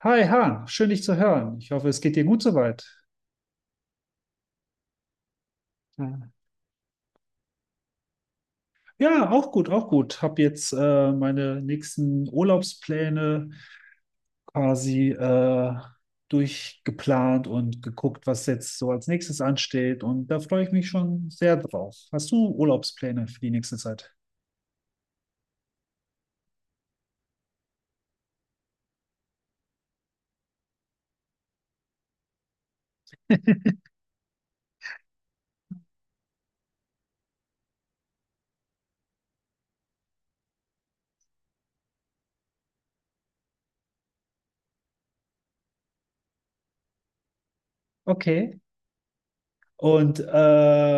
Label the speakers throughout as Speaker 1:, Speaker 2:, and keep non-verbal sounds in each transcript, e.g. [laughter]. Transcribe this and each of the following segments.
Speaker 1: Hi Han, schön dich zu hören. Ich hoffe, es geht dir gut soweit. Ja. Ja, auch gut, auch gut. Hab jetzt meine nächsten Urlaubspläne quasi durchgeplant und geguckt, was jetzt so als nächstes ansteht. Und da freue ich mich schon sehr drauf. Hast du Urlaubspläne für die nächste Zeit? [laughs] Okay. Und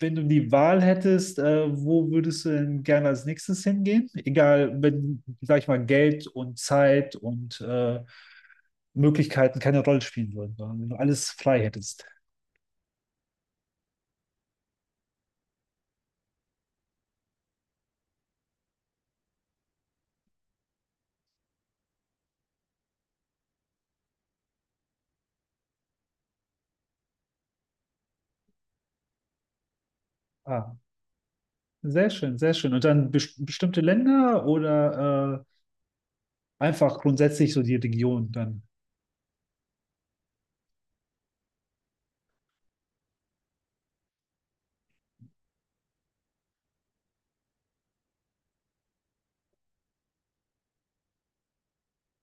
Speaker 1: wenn du die Wahl hättest, wo würdest du denn gerne als nächstes hingehen? Egal, wenn, sag ich mal, Geld und Zeit und Möglichkeiten keine Rolle spielen würden, sondern wenn du alles frei hättest. Ah, sehr schön, sehr schön. Und dann bestimmte Länder oder einfach grundsätzlich so die Region dann?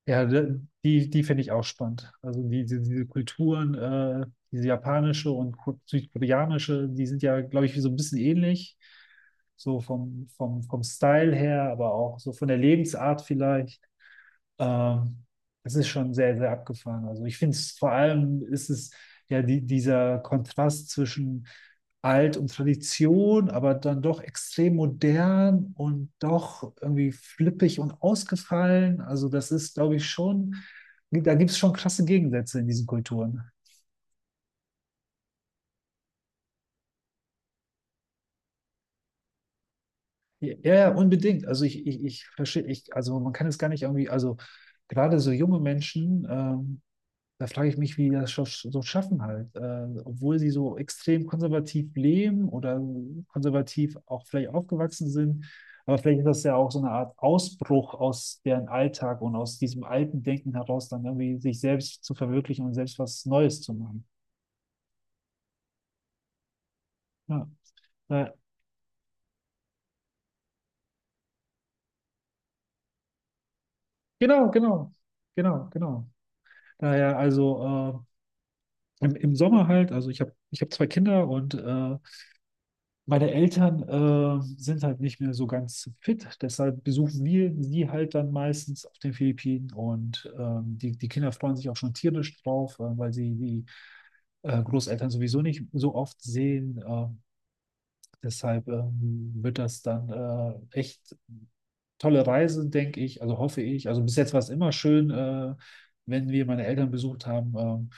Speaker 1: Ja, die finde ich auch spannend. Also diese Kulturen, diese japanische und südkoreanische, die sind ja, glaube ich, so ein bisschen ähnlich. So vom Style her, aber auch so von der Lebensart vielleicht. Ähm, das ist schon sehr, sehr abgefahren. Also ich finde es vor allem ist es ja dieser Kontrast zwischen alt und Tradition, aber dann doch extrem modern und doch irgendwie flippig und ausgefallen. Also das ist, glaube ich, schon, da gibt es schon krasse Gegensätze in diesen Kulturen. Ja, ja, unbedingt. Also ich verstehe, ich, also man kann es gar nicht irgendwie, also gerade so junge Menschen, da frage ich mich, wie die das so schaffen halt. Obwohl sie so extrem konservativ leben oder konservativ auch vielleicht aufgewachsen sind. Aber vielleicht ist das ja auch so eine Art Ausbruch aus deren Alltag und aus diesem alten Denken heraus, dann irgendwie sich selbst zu verwirklichen und selbst was Neues zu machen. Ja. Äh, genau, genau, genau, genau. Daher also im Sommer halt, also ich hab zwei Kinder und meine Eltern sind halt nicht mehr so ganz fit, deshalb besuchen wir sie halt dann meistens auf den Philippinen und die Kinder freuen sich auch schon tierisch drauf, weil sie die Großeltern sowieso nicht so oft sehen. Deshalb wird das dann echt tolle Reise, denke ich, also hoffe ich. Also bis jetzt war es immer schön, wenn wir meine Eltern besucht haben. ähm,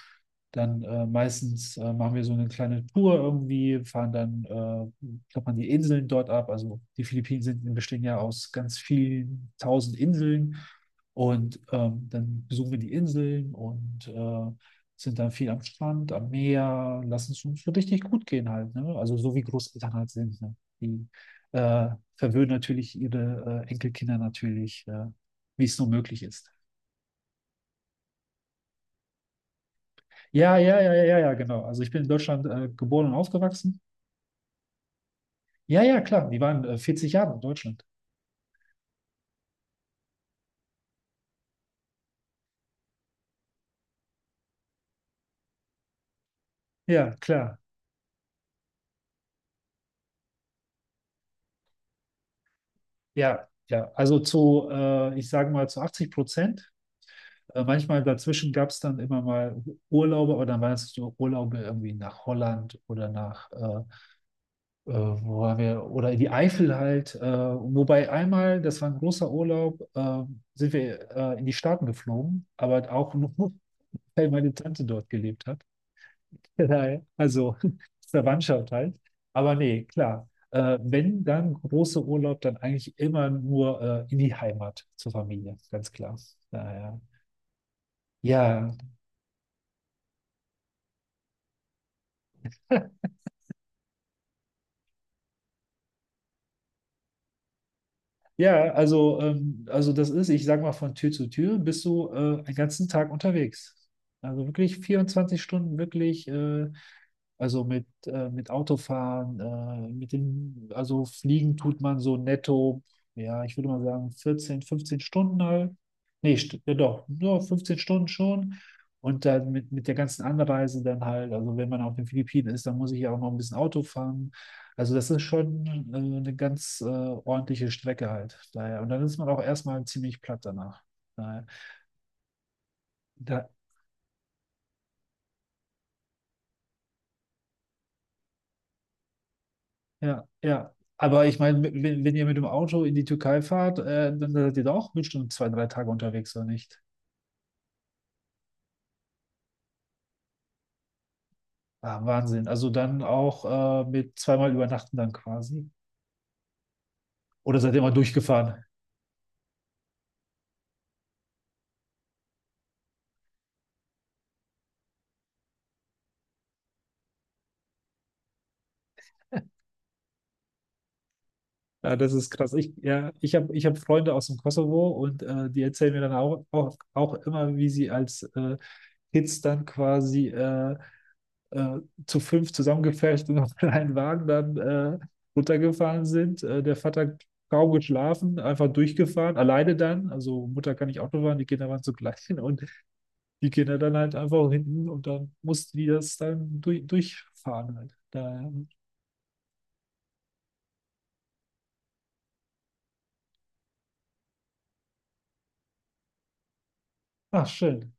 Speaker 1: dann meistens machen wir so eine kleine Tour irgendwie, fahren dann, klappern die Inseln dort ab. Also die Philippinen sind, bestehen ja aus ganz vielen tausend Inseln. Und dann besuchen wir die Inseln und sind dann viel am Strand, am Meer, lassen es uns so richtig gut gehen halt. Ne? Also so wie Großeltern halt sind. Ne? Die äh, verwöhnen natürlich ihre Enkelkinder natürlich, wie es nur möglich ist. Ja, ja, ja, ja, ja, genau. Also ich bin in Deutschland geboren und aufgewachsen. Ja, ja, klar. Die waren 40 Jahre in Deutschland. Ja, klar. Ja, ja. Also zu, ich sage mal, zu 80%. Manchmal dazwischen gab es dann immer mal Urlaube, aber dann waren es so Urlaube irgendwie nach Holland oder nach wo waren wir, oder in die Eifel halt. Wobei einmal, das war ein großer Urlaub, sind wir in die Staaten geflogen, aber auch nur, [laughs] weil meine Tante dort gelebt hat. [laughs] Daher, also [laughs] Verwandtschaft halt. Aber nee, klar. Wenn dann großer Urlaub, dann eigentlich immer nur in die Heimat zur Familie, ganz klar. Daher. Ja, ja. Ja, also das ist, ich sag mal, von Tür zu Tür bist du einen ganzen Tag unterwegs. Also wirklich 24 Stunden, wirklich, also mit Autofahren, also Fliegen tut man so netto, ja, ich würde mal sagen, 14, 15 Stunden halt. Nee, st ja doch, nur 15 Stunden schon. Und dann mit der ganzen Anreise dann halt, also wenn man auf den Philippinen ist, dann muss ich ja auch noch ein bisschen Auto fahren. Also das ist schon eine ganz ordentliche Strecke halt. Daher. Und dann ist man auch erstmal ziemlich platt danach. Daher. Da, ja, ja. Aber ich meine, wenn ihr mit dem Auto in die Türkei fahrt, dann seid ihr da auch bestimmt 2, 3 Tage unterwegs, oder nicht? Ah, Wahnsinn. Also dann auch mit zweimal übernachten dann quasi. Oder seid ihr mal durchgefahren? Ja, das ist krass. Ja, ich hab Freunde aus dem Kosovo und die erzählen mir dann auch immer, wie sie als Kids dann quasi äh, zu fünf zusammengepfercht und [laughs] auf einen Wagen dann runtergefahren sind. Der Vater kaum geschlafen, einfach durchgefahren, alleine dann. Also Mutter kann nicht Auto fahren, die Kinder waren zugleich [laughs] und die Kinder dann halt einfach hinten und dann mussten die das dann durchfahren halt. Ach, schön.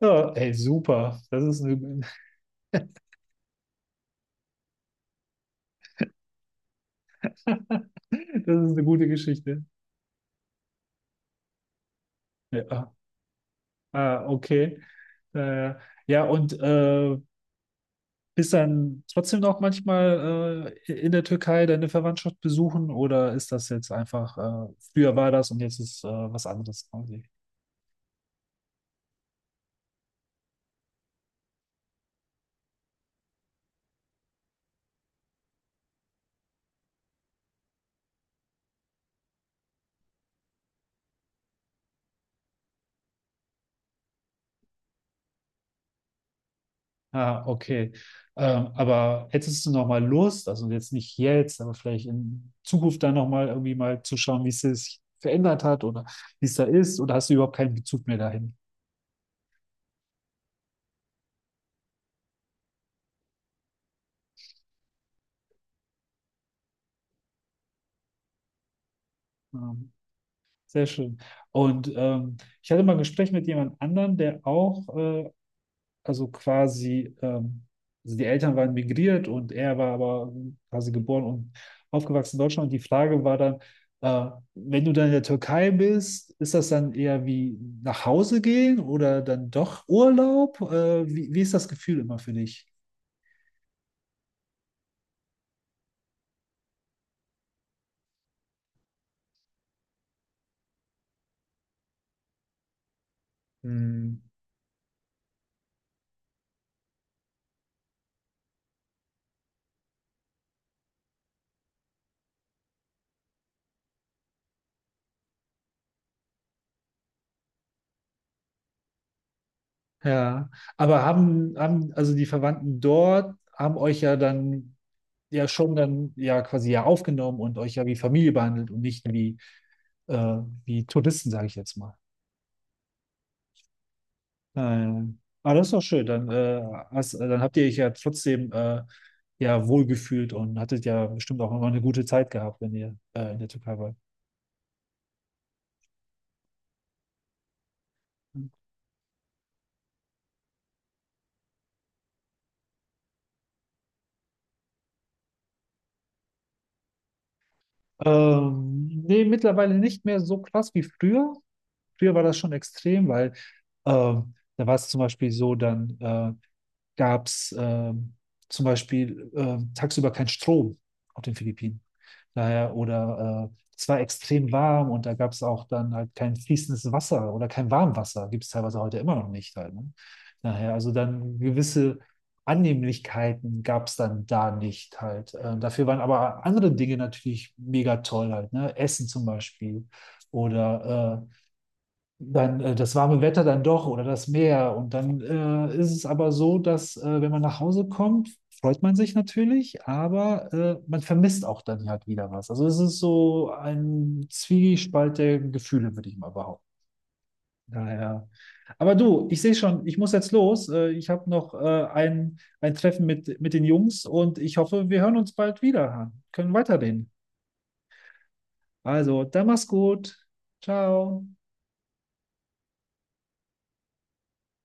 Speaker 1: Ja, ey, super. [laughs] Das ist eine gute Geschichte. Ja. Ah, okay. Äh, ja, und bist dann trotzdem noch manchmal in der Türkei deine Verwandtschaft besuchen oder ist das jetzt einfach, früher war das und jetzt ist was anderes quasi? Ah, okay. Aber hättest du noch mal Lust, also jetzt nicht jetzt, aber vielleicht in Zukunft dann noch mal irgendwie mal zu schauen, wie es sich verändert hat oder wie es da ist oder hast du überhaupt keinen Bezug mehr dahin? Ähm, sehr schön. Und ich hatte mal ein Gespräch mit jemand anderem, der auch also quasi, also die Eltern waren migriert und er war aber quasi geboren und aufgewachsen in Deutschland. Und die Frage war dann, wenn du dann in der Türkei bist, ist das dann eher wie nach Hause gehen oder dann doch Urlaub? Wie ist das Gefühl immer für dich? Hm, ja, aber haben also die Verwandten dort, haben euch ja dann ja schon dann ja quasi ja aufgenommen und euch ja wie Familie behandelt und nicht äh, wie Touristen, sage ich jetzt mal. Nein. Ah, das ist doch schön. Dann, dann habt ihr euch ja trotzdem ja wohlgefühlt und hattet ja bestimmt auch immer eine gute Zeit gehabt, wenn ihr in der Türkei wart. Nee, mittlerweile nicht mehr so krass wie früher. Früher war das schon extrem, weil da war es zum Beispiel so, dann gab es zum Beispiel tagsüber keinen Strom auf den Philippinen. Daher, oder es war extrem warm und da gab es auch dann halt kein fließendes Wasser oder kein Warmwasser. Gibt es teilweise heute immer noch nicht halt, ne? Daher, also dann gewisse Annehmlichkeiten gab es dann da nicht halt. Dafür waren aber andere Dinge natürlich mega toll halt, ne? Essen zum Beispiel oder dann das warme Wetter dann doch oder das Meer. Und dann ist es aber so, dass wenn man nach Hause kommt, freut man sich natürlich, aber man vermisst auch dann halt wieder was. Also es ist so ein Zwiespalt der Gefühle, würde ich mal behaupten. Daher. Aber du, ich sehe schon, ich muss jetzt los. Ich habe noch ein Treffen mit den Jungs und ich hoffe, wir hören uns bald wieder. Können weiterreden. Also, dann mach's gut. Ciao.